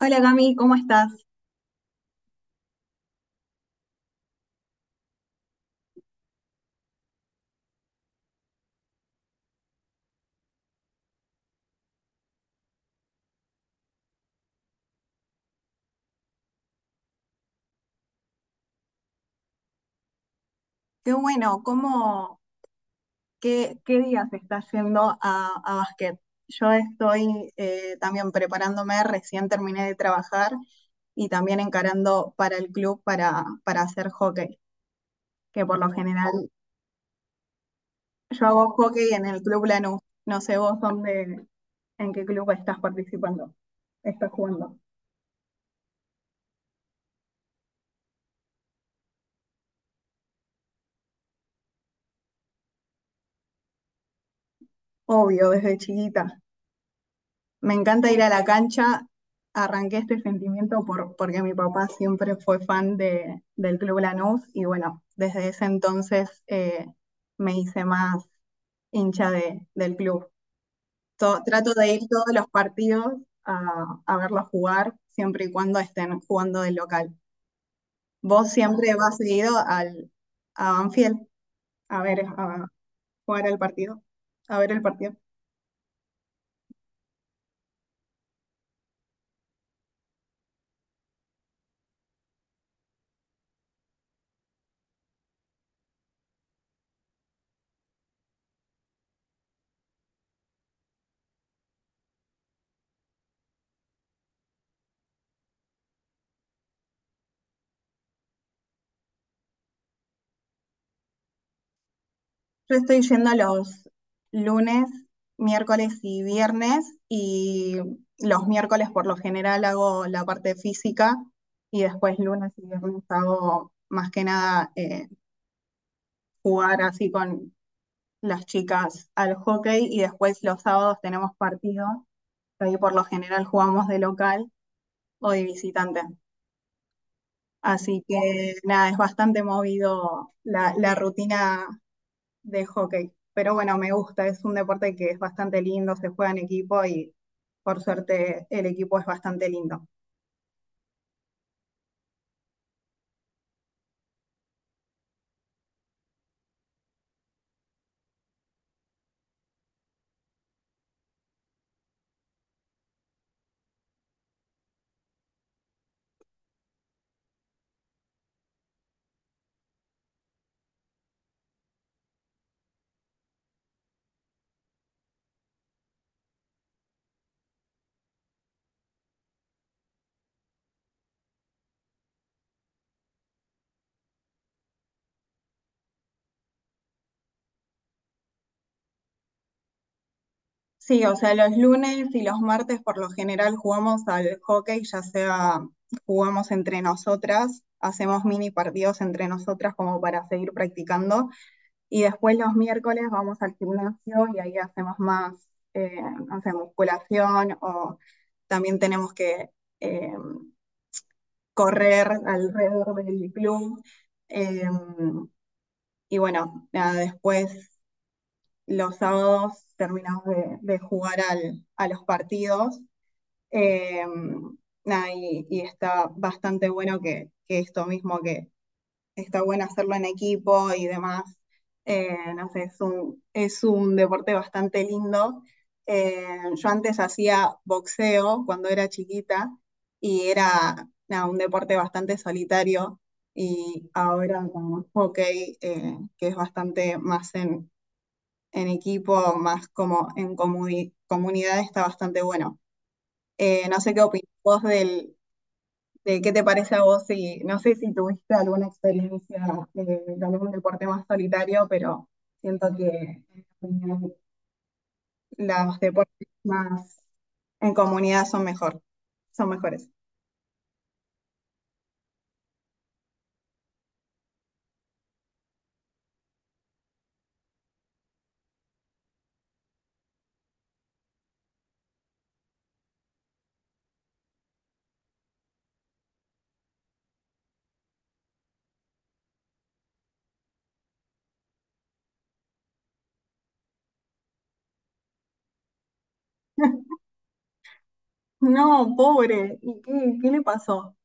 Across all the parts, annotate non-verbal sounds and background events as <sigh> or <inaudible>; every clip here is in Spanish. Hola Cami, ¿cómo estás? Qué bueno, ¿qué día se está yendo a básquet? Yo estoy también preparándome, recién terminé de trabajar y también encarando para el club para hacer hockey, que por lo general yo hago hockey en el Club Lanús. No sé vos en qué club estás participando, estás jugando. Obvio, desde chiquita. Me encanta ir a la cancha. Arranqué este sentimiento porque mi papá siempre fue fan del Club Lanús y bueno, desde ese entonces me hice más hincha del club. Trato de ir todos los partidos a verlos jugar, siempre y cuando estén jugando del local. ¿Vos siempre vas seguido a Banfield a ver, a jugar el partido? A ver el partido. Yo estoy yendo los lunes, miércoles y viernes y los miércoles por lo general hago la parte física y después lunes y viernes hago más que nada jugar así con las chicas al hockey y después los sábados tenemos partido. Ahí por lo general jugamos de local o de visitante. Así que nada, es bastante movido la rutina de hockey. Pero bueno, me gusta, es un deporte que es bastante lindo, se juega en equipo y por suerte el equipo es bastante lindo. Sí, o sea, los lunes y los martes por lo general jugamos al hockey, ya sea jugamos entre nosotras, hacemos mini partidos entre nosotras como para seguir practicando y después los miércoles vamos al gimnasio y ahí hacemos más, eh, no sé, musculación o también tenemos que eh, correr alrededor del club. Eh, y bueno, nada, después los sábados terminamos de jugar a los partidos. Eh, nada, y, está bastante bueno que esto mismo que, está bueno hacerlo en equipo y demás. No sé, es un deporte bastante lindo. Eh, yo antes hacía boxeo cuando era chiquita y era nada, un deporte bastante solitario y ahora con hockey, que es bastante más en equipo, más como en comunidad, está bastante bueno. No sé qué opinas vos de qué te parece a vos y no sé si tuviste alguna experiencia de algún deporte más solitario, pero siento que en mi opinión, los deportes más en comunidad son mejor, son mejores. <laughs> No, pobre, ¿y qué le pasó?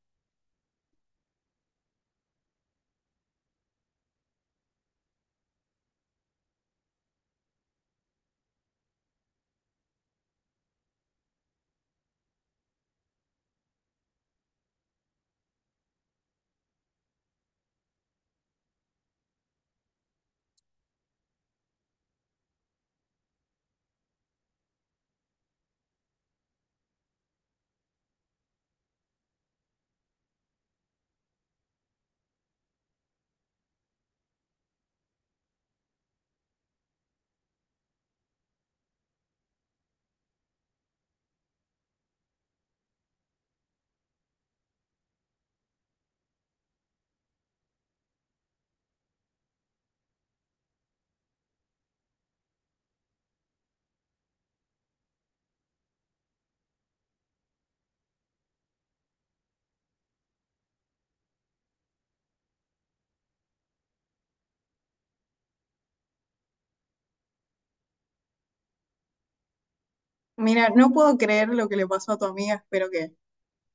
Mira, no puedo creer lo que le pasó a tu amiga, espero que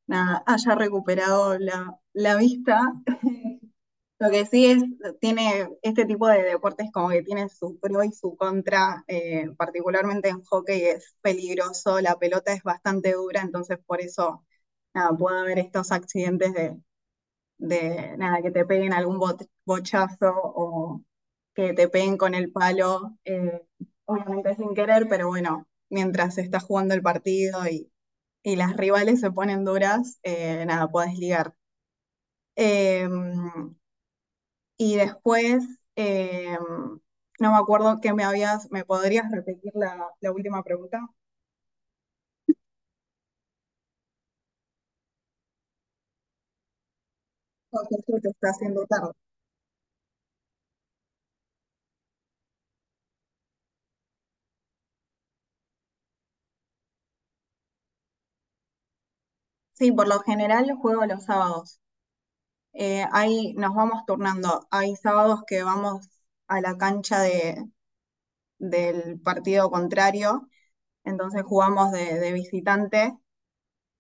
nada, haya recuperado la vista. <laughs> Lo que sí es, tiene este tipo de deportes como que tiene su pro y su contra, particularmente en hockey es peligroso, la pelota es bastante dura, entonces por eso nada, puede haber estos accidentes de nada, que te peguen algún bochazo o que te peguen con el palo, obviamente sin querer, pero bueno, mientras se está jugando el partido, y las rivales se ponen duras, nada, puedes ligar. Em, y después, eh, no me acuerdo que me habías, ¿me podrías repetir la última pregunta? Porque esto te está haciendo tarde. Sí, por lo general juego los sábados. Ahí nos vamos turnando. Hay sábados que vamos a la cancha del partido contrario, entonces jugamos de visitante.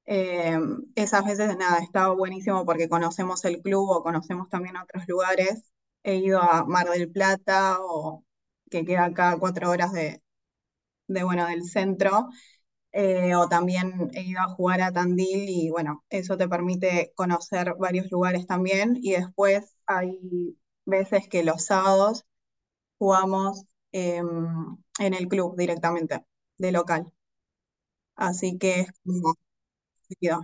Eh, Esas veces, nada, estaba buenísimo porque conocemos el club o conocemos también otros lugares. He ido a Mar del Plata o que queda acá a 4 horas de bueno, del centro, o también he ido a jugar a Tandil y bueno, eso te permite conocer varios lugares también. Y después hay veces que los sábados jugamos en el club directamente, de local. Así que es como... seguido.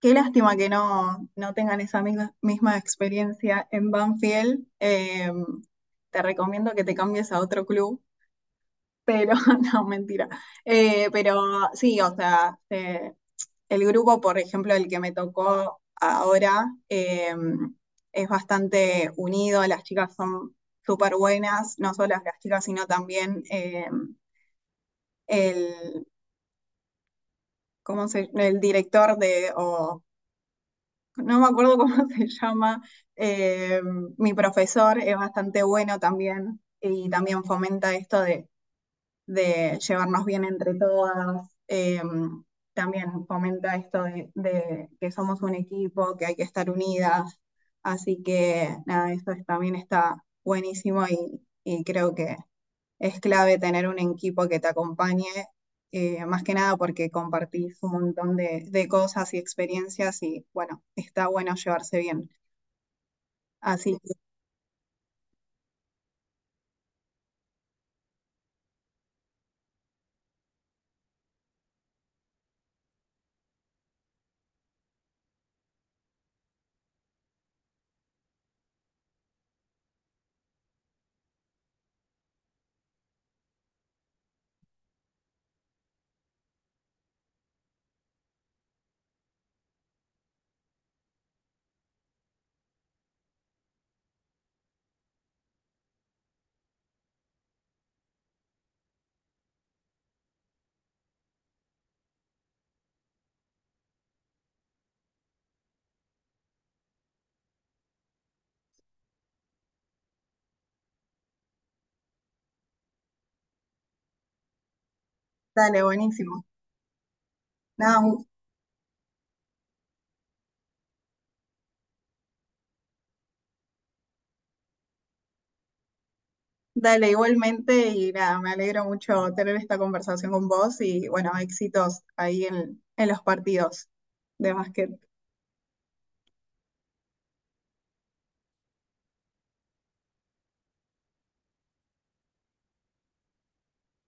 Qué lástima que no, no tengan esa misma, misma experiencia en Banfield. Te recomiendo que te cambies a otro club, pero <laughs> no, mentira. Pero sí, o sea, el grupo, por ejemplo, el que me tocó ahora, es bastante unido, las chicas son súper buenas, no solo las chicas, sino también el, ¿cómo el director de, o no me acuerdo <laughs> cómo se llama, eh, mi profesor es bastante bueno también y también fomenta esto de llevarnos bien entre todas, también fomenta esto de que somos un equipo, que hay que estar unidas, así que nada, eso es- también está buenísimo y creo que es clave tener un equipo que te acompañe, más que nada porque compartís un montón de cosas y experiencias y bueno, está bueno llevarse bien. Así que dale, buenísimo. Nada, un- dale igualmente y nada, me alegro mucho tener esta conversación con vos y bueno, éxitos ahí en los partidos de básquet.